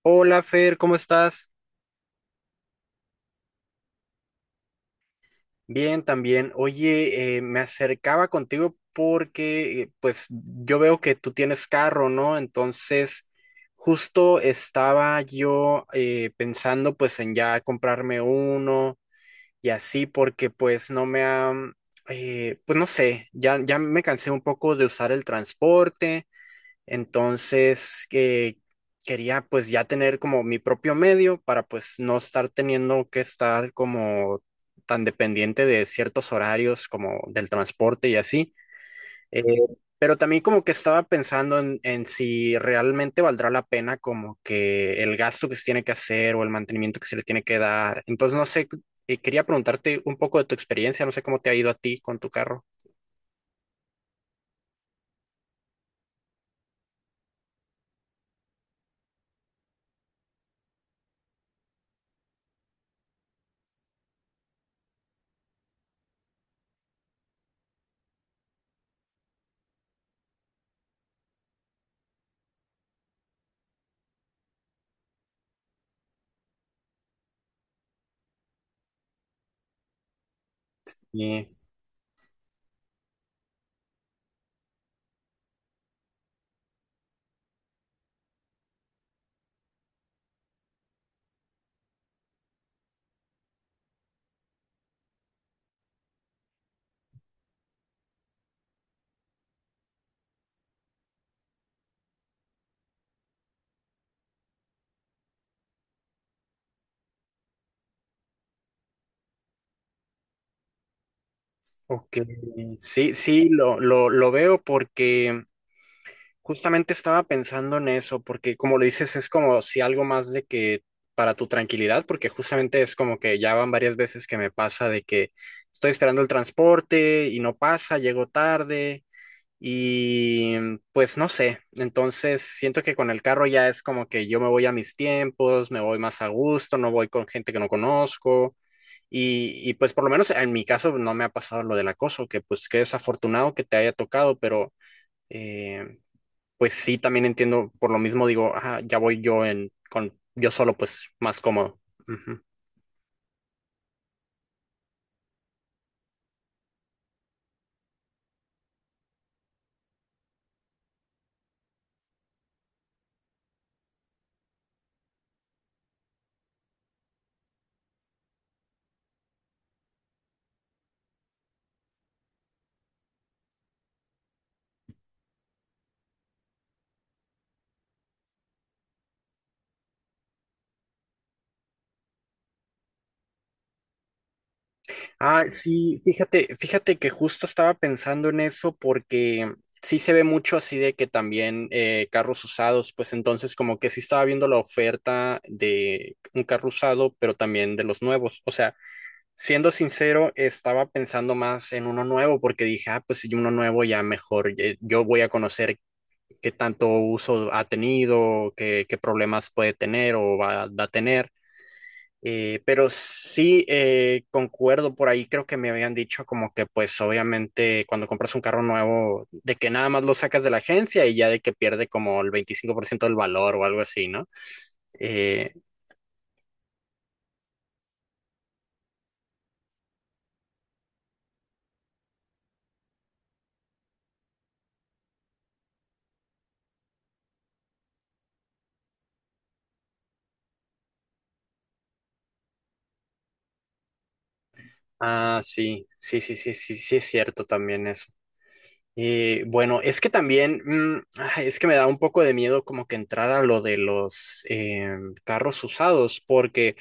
Hola Fer, ¿cómo estás? Bien, también. Oye, me acercaba contigo porque pues yo veo que tú tienes carro, ¿no? Entonces, justo estaba yo pensando pues en ya comprarme uno y así porque pues no sé, ya me cansé un poco de usar el transporte. Entonces, que quería pues ya tener como mi propio medio para pues no estar teniendo que estar como tan dependiente de ciertos horarios como del transporte y así. Eh, pero también como que estaba pensando en si realmente valdrá la pena como que el gasto que se tiene que hacer o el mantenimiento que se le tiene que dar. Entonces, no sé, quería preguntarte un poco de tu experiencia, no sé cómo te ha ido a ti con tu carro. Y, ok, sí, sí, lo veo porque justamente estaba pensando en eso, porque como lo dices, es como si algo más de que para tu tranquilidad, porque justamente es como que ya van varias veces que me pasa de que estoy esperando el transporte y no pasa, llego tarde y pues no sé, entonces siento que con el carro ya es como que yo me voy a mis tiempos, me voy más a gusto, no voy con gente que no conozco. Y pues por lo menos en mi caso no me ha pasado lo del acoso, que pues qué desafortunado que te haya tocado, pero... Eh, pues sí, también entiendo, por lo mismo digo, ajá, ya voy yo en con yo solo, pues más cómodo. Ujú. Ah, sí, fíjate que justo estaba pensando en eso porque sí se ve mucho así de que también carros usados, pues entonces como que sí estaba viendo la oferta de un carro usado, pero también de los nuevos. O sea, siendo sincero, estaba pensando más en uno nuevo porque dije, ah, pues si uno nuevo ya mejor, yo voy a conocer qué tanto uso ha tenido, qué problemas puede tener o va a tener. Pero sí, concuerdo por ahí, creo que me habían dicho como que pues obviamente cuando compras un carro nuevo, de que nada más lo sacas de la agencia y ya de que pierde como el 25% del valor o algo así, ¿no? Eh, ah, sí es cierto también eso. Y bueno, es que también, ay, es que me da un poco de miedo como que entrar a lo de los carros usados, porque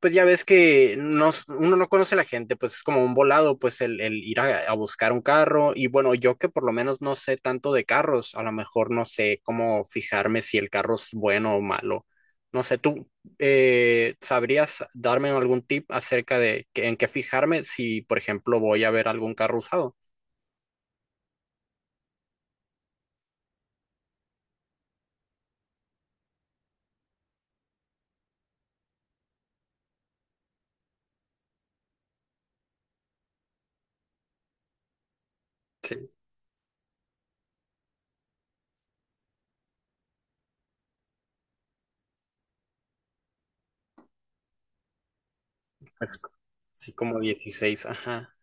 pues ya ves que no, s- uno no conoce a la gente, pues es como un volado, pues el ir a buscar un carro. Y bueno, yo que por lo menos no sé tanto de carros, a lo mejor no sé cómo fijarme si el carro es bueno o malo. No sé, ¿tú sabrías darme algún tip acerca de que- en qué fijarme si, por ejemplo, voy a ver algún carro usado? Sí, como 16, ajá.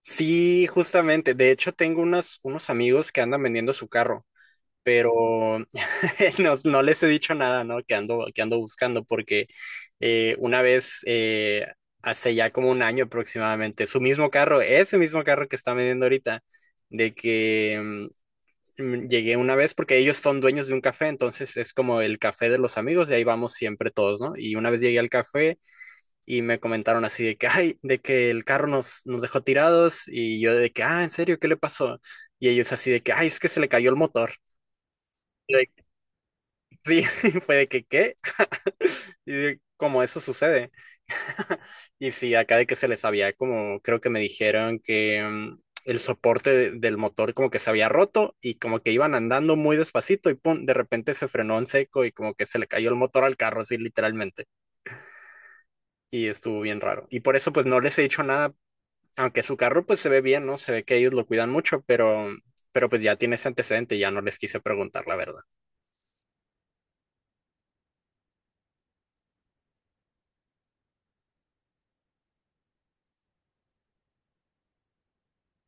Sí, justamente. De hecho, tengo unos, unos amigos que andan vendiendo su carro, pero no, no les he dicho nada, ¿no? Que ando buscando, porque eh, una vez, eh, hace ya como un año aproximadamente, su mismo carro, ese mismo carro que está vendiendo ahorita, de que llegué una vez, porque ellos son dueños de un café, entonces es como el café de los amigos, y ahí vamos siempre todos, ¿no? Y una vez llegué al café. Y me comentaron así de que, ay, de que el carro nos dejó tirados y yo de que, ah, ¿en serio? ¿Qué le pasó? Y ellos así de que, ay, es que se le cayó el motor. Y de- sí, fue de que, ¿qué? Y de, como eso sucede. Y sí, acá de que se les había como, creo que me dijeron que el soporte de- del motor como que se había roto y como que iban andando muy despacito y pum, de repente se frenó en seco y como que se le cayó el motor al carro así literalmente. Y estuvo bien raro. Y por eso pues no les he dicho nada aunque su carro pues se ve bien, ¿no? Se ve que ellos lo cuidan mucho, pero pues ya tiene ese antecedente, ya no les quise preguntar la verdad.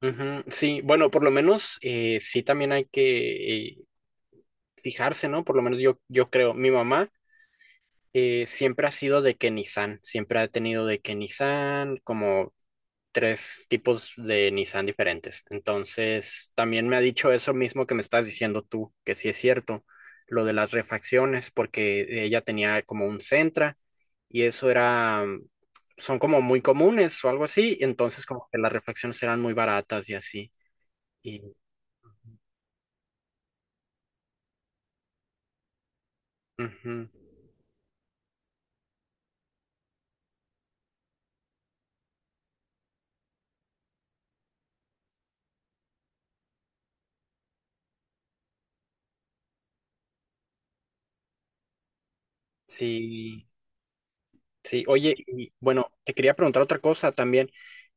Ujú. Sí, bueno, por lo menos sí también hay que fijarse, ¿no? Por lo menos yo creo, mi mamá siempre ha sido de que Nissan, siempre ha tenido de que Nissan, como tres tipos de Nissan diferentes. Entonces, también me ha dicho eso mismo que me estás diciendo tú, que sí es cierto, lo de las refacciones, porque ella tenía como un Sentra y eso era, son como muy comunes o algo así, entonces como que las refacciones eran muy baratas y así. Y, ujú, sí, sí, oye, y bueno, te quería preguntar otra cosa también.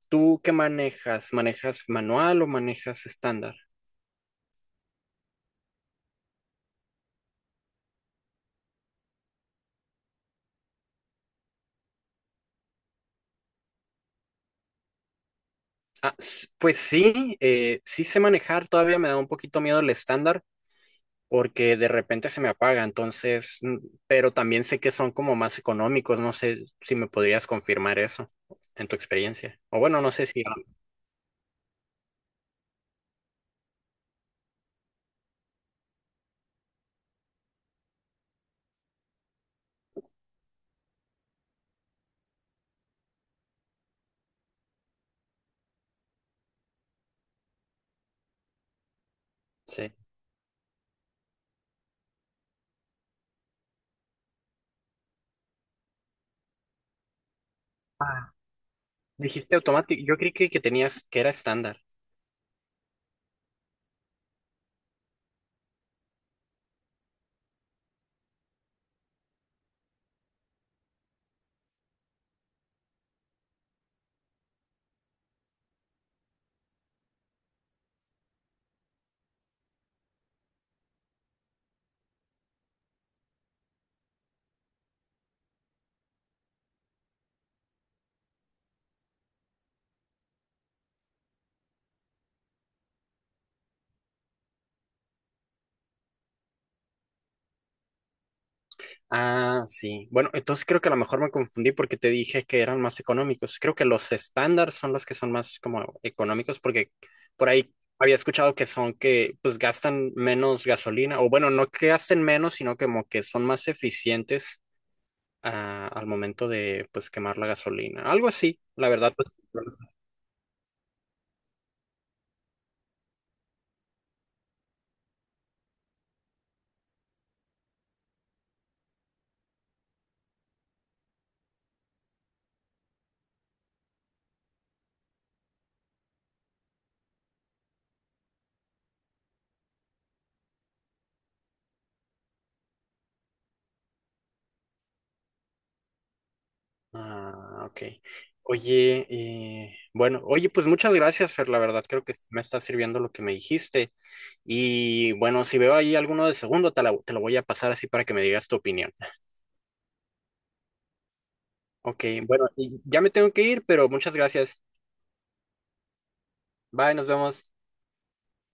¿Tú qué manejas? ¿Manejas manual o manejas estándar? Ah, s- pues sí, sí sé manejar, todavía me da un poquito miedo el estándar. Porque de repente se me apaga, entonces, pero también sé que son como más económicos, no sé si me podrías confirmar eso en tu experiencia. O bueno, no sé si... ah, sí. Ah, dijiste automático, yo creí que tenías que era estándar. Ah, sí. Bueno, entonces creo que a lo mejor me confundí porque te dije que eran más económicos. Creo que los estándar son los que son más como económicos porque por ahí había escuchado que son que pues gastan menos gasolina o bueno, no que gasten menos, sino como que son más eficientes ah, al momento de pues quemar la gasolina. Algo así, la verdad, pues. No. Ah, ok. Oye, bueno, oye, pues muchas gracias, Fer, la verdad, creo que sí me está sirviendo lo que me dijiste. Y bueno, si veo ahí alguno de segundo, te, la- te lo voy a pasar así para que me digas tu opinión. Ok, bueno, y ya me tengo que ir, pero muchas gracias. Bye, nos vemos.